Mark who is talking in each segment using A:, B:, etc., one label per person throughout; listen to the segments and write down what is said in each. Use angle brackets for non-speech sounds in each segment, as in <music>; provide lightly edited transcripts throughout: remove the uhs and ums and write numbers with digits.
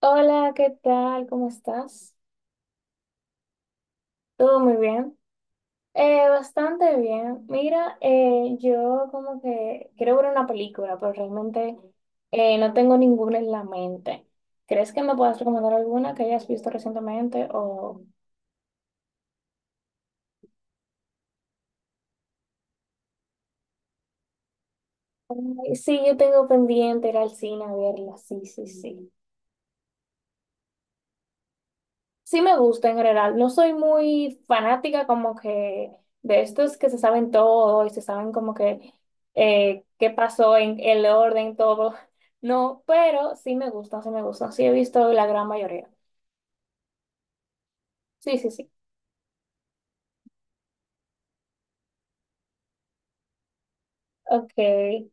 A: Hola, ¿qué tal? ¿Cómo estás? Todo muy bien. Bastante bien. Mira, yo como que quiero ver una película, pero realmente no tengo ninguna en la mente. ¿Crees que me puedas recomendar alguna que hayas visto recientemente? O... Sí, yo tengo pendiente ir al cine a verla. Sí, sí, sí. Sí me gusta en general. No soy muy fanática como que de estos que se saben todo y se saben como que qué pasó en el orden, todo. No, pero sí me gustan, sí me gustan. Sí he visto la gran mayoría. Sí, sí, sí. Ok.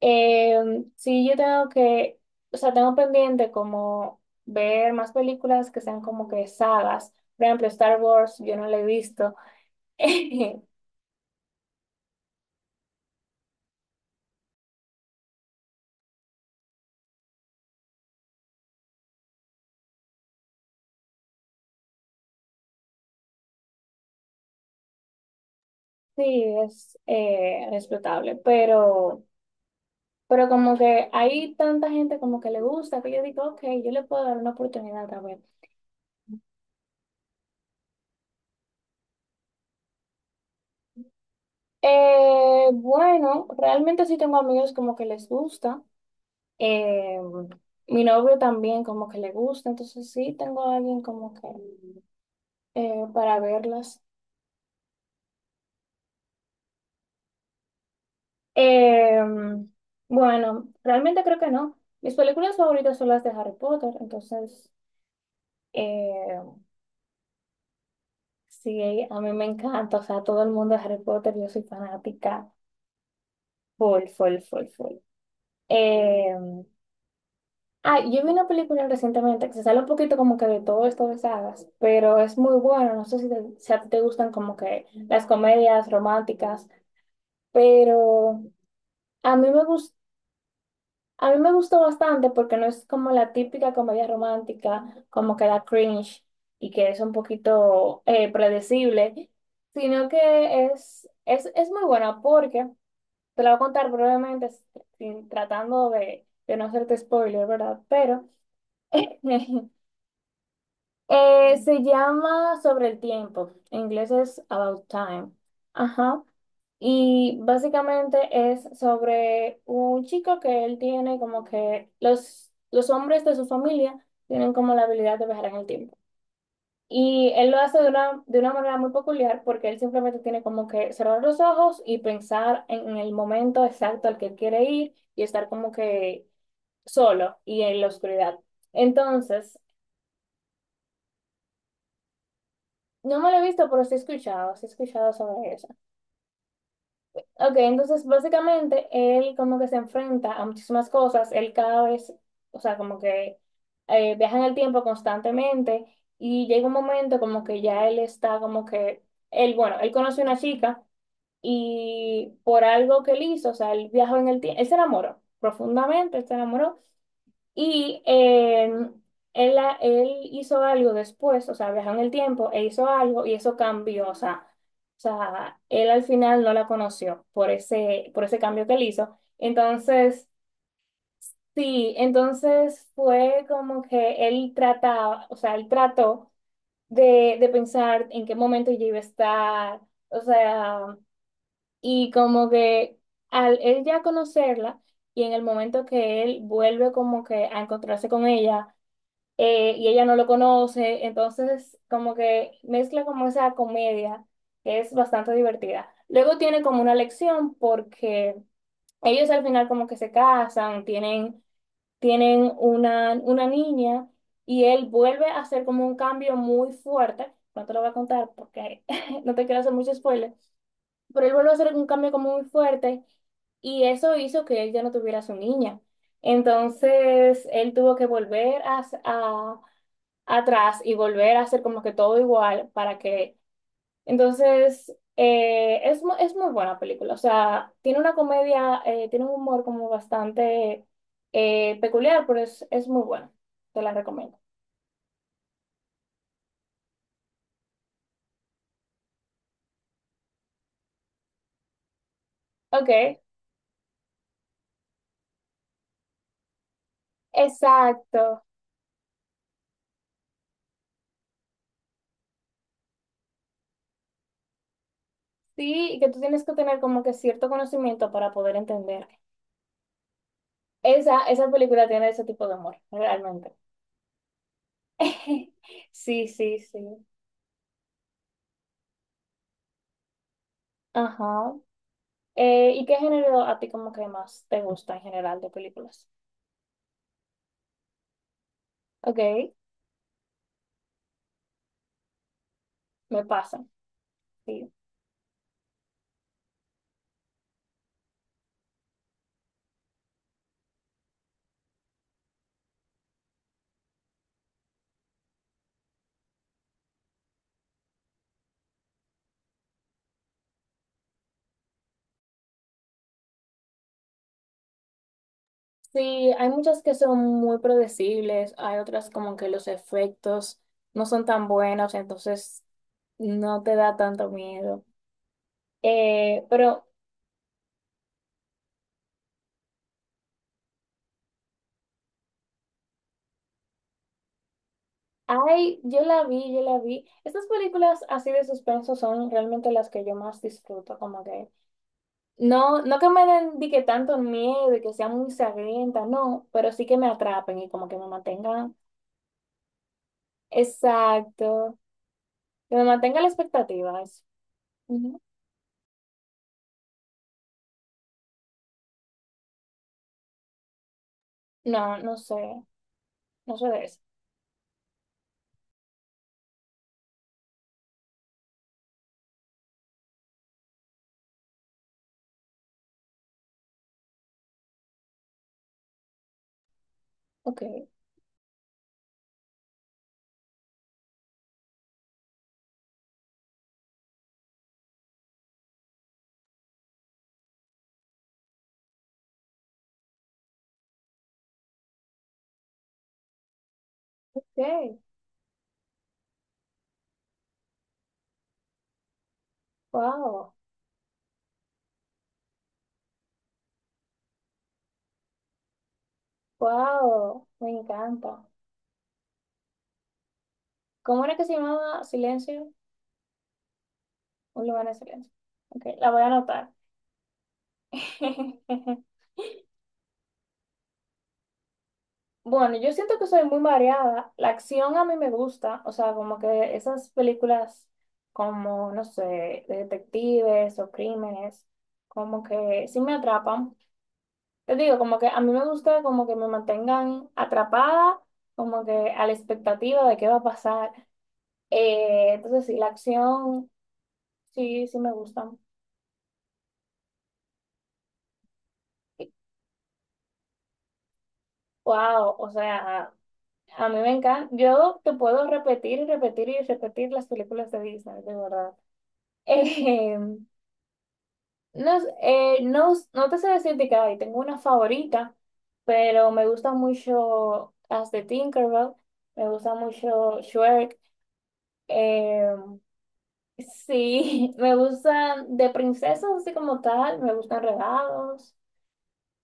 A: Sí, o sea, tengo pendiente como ver más películas que sean como que sagas. Por ejemplo, Star Wars, yo no la he visto. <laughs> Sí, es respetable, pero... Pero como que hay tanta gente como que le gusta, que yo digo, ok, yo le puedo dar una oportunidad a ver. Bueno, realmente sí tengo amigos como que les gusta. Eh, mi novio también como que le gusta, entonces sí tengo a alguien como que para verlas. Eh, bueno, realmente creo que no. Mis películas favoritas son las de Harry Potter, entonces eh, sí, a mí me encanta, o sea, todo el mundo de Harry Potter, yo soy fanática. Full, full, full, full. Eh, yo vi una película recientemente que se sale un poquito como que de todo esto de sagas, pero es muy bueno. No sé si a ti te gustan como que las comedias románticas, pero a mí me gus- a mí me gustó bastante porque no es como la típica comedia romántica, como que da cringe y que es un poquito predecible, sino que es muy buena porque, te la voy a contar brevemente, tratando de no hacerte spoiler, ¿verdad? Pero <laughs> se llama Sobre el tiempo. En inglés es About Time. Ajá. Y básicamente es sobre un chico que él tiene como que los hombres de su familia tienen como la habilidad de viajar en el tiempo. Y él lo hace de una manera muy peculiar porque él simplemente tiene como que cerrar los ojos y pensar en el momento exacto al que quiere ir y estar como que solo y en la oscuridad. Entonces, no me lo he visto, pero sí he escuchado sobre eso. Ok, entonces básicamente él como que se enfrenta a muchísimas cosas, él cada vez, o sea, como que viaja en el tiempo constantemente y llega un momento como que ya él está como que, él, bueno, él conoce a una chica y por algo que él hizo, o sea, él viajó en el tiempo, él se enamoró profundamente, él se enamoró y él hizo algo después, o sea, viajó en el tiempo e hizo algo y eso cambió, o sea, él al final no la conoció por ese cambio que él hizo. Entonces, sí, entonces fue como que él trataba, o sea, él trató de pensar en qué momento ella iba a estar, o sea, y como que al él ya conocerla y en el momento que él vuelve como que a encontrarse con ella, y ella no lo conoce, entonces como que mezcla como esa comedia que es bastante divertida. Luego tiene como una lección porque ellos al final como que se casan, tienen una niña y él vuelve a hacer como un cambio muy fuerte. No te lo voy a contar porque <laughs> no te quiero hacer mucho spoiler, pero él vuelve a hacer un cambio como muy fuerte y eso hizo que él ya no tuviera a su niña. Entonces, él tuvo que atrás y volver a hacer como que todo igual para que... Entonces, es muy buena película. O sea, tiene una comedia, tiene un humor como bastante peculiar, pero es muy buena. Te la recomiendo. Ok, exacto. Sí, y que tú tienes que tener como que cierto conocimiento para poder entender. Esa película tiene ese tipo de humor, realmente. <laughs> Sí, sí, sí. Ajá. ¿Y qué género a ti como que más te gusta en general de películas? Ok, me pasa. Sí. Sí, hay muchas que son muy predecibles, hay otras como que los efectos no son tan buenos, entonces no te da tanto miedo. Pero hay, yo la vi, yo la vi. Estas películas así de suspenso son realmente las que yo más disfruto, como que no, no que me den di que tanto miedo y que sean muy sangrientas, no, pero sí que me atrapen y como que me mantengan, exacto, que me mantenga la expectativa. Eso. No, no sé, no sé de eso. Ok, ok, wow, wow, me encanta. ¿Cómo era que se llamaba Silencio? Un lugar de silencio. Ok, la voy a anotar. <laughs> Bueno, yo siento que soy muy variada. La acción a mí me gusta, o sea, como que esas películas como, no sé, de detectives o crímenes, como que sí me atrapan. Te digo, como que a mí me gusta como que me mantengan atrapada, como que a la expectativa de qué va a pasar. Entonces sí, la acción sí, sí me gusta. Wow, o sea, a mí me encanta. Yo te puedo repetir y repetir y repetir las películas de Disney, de verdad. <laughs> Eh, no te sé decir de que ay, tengo una favorita, pero me gusta mucho las de Tinkerbell, me gusta mucho Shrek. eh, sí, <laughs> me gustan de princesas así como tal, me gustan Regados.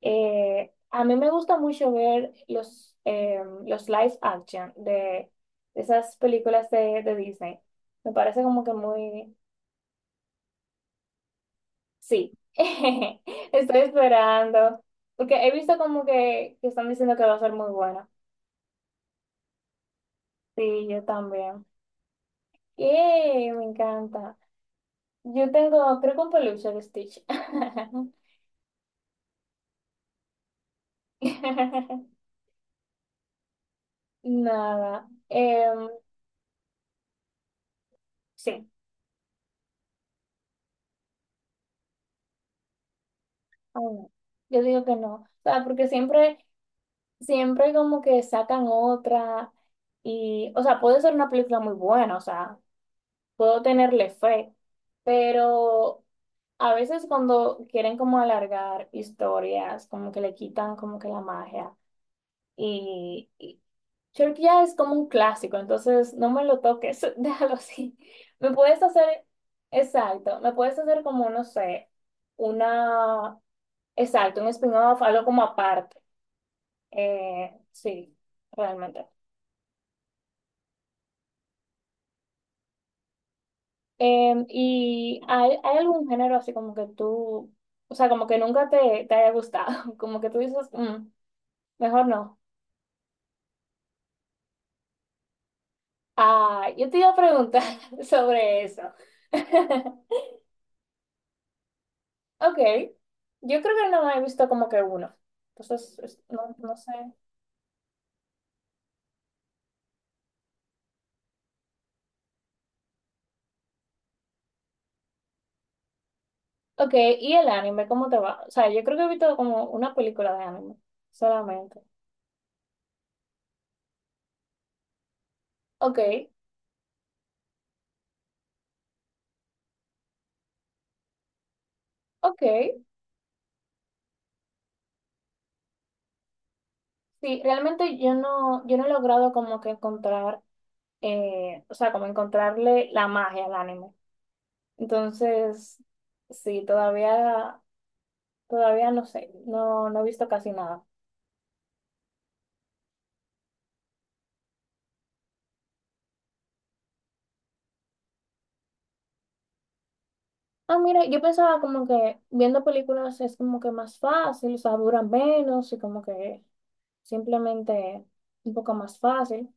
A: A mí me gusta mucho ver los live action de esas películas de Disney. Me parece como que muy... Sí, <laughs> estoy esperando. Porque he visto como que están diciendo que va a ser muy buena. Sí, yo también. ¡Yay! Me encanta. Yo tengo, creo que un peluche de Stitch. <laughs> Nada. Sí. Ay, no. Yo digo que no. O sea, porque siempre... siempre como que sacan otra y, o sea, puede ser una película muy buena, o sea, puedo tenerle fe, pero a veces cuando quieren como alargar historias, como que le quitan como que la magia y Shrek ya es como un clásico, entonces no me lo toques, <laughs> déjalo así. Me puedes hacer, exacto, me puedes hacer como, no sé, una, exacto, un spin-off, algo como aparte. Sí, realmente. Em, ¿y hay algún género así como que tú, o sea, como que nunca te haya gustado? <laughs> Como que tú dices, "Mm, mejor no". Ah, yo te iba a preguntar <laughs> sobre eso. <laughs> Ok, yo creo que no he visto como que uno. Entonces, no, no sé. Ok, ¿y el anime cómo te va? O sea, yo creo que he visto como una película de anime solamente. Ok, ok. Sí, realmente yo no, yo no he logrado como que encontrar o sea, como encontrarle la magia al anime. Entonces, sí, todavía, todavía no sé, no, no he visto casi nada. Ah, mira, yo pensaba como que viendo películas es como que más fácil, o sea, duran menos y como que simplemente un poco más fácil.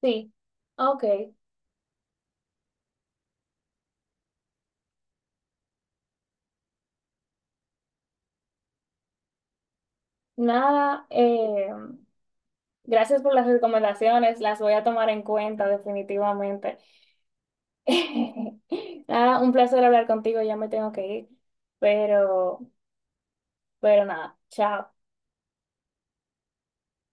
A: Sí, ah, ok, nada, gracias por las recomendaciones, las voy a tomar en cuenta definitivamente. <laughs> Nada, un placer hablar contigo, ya me tengo que ir, pero, pero nada, chao.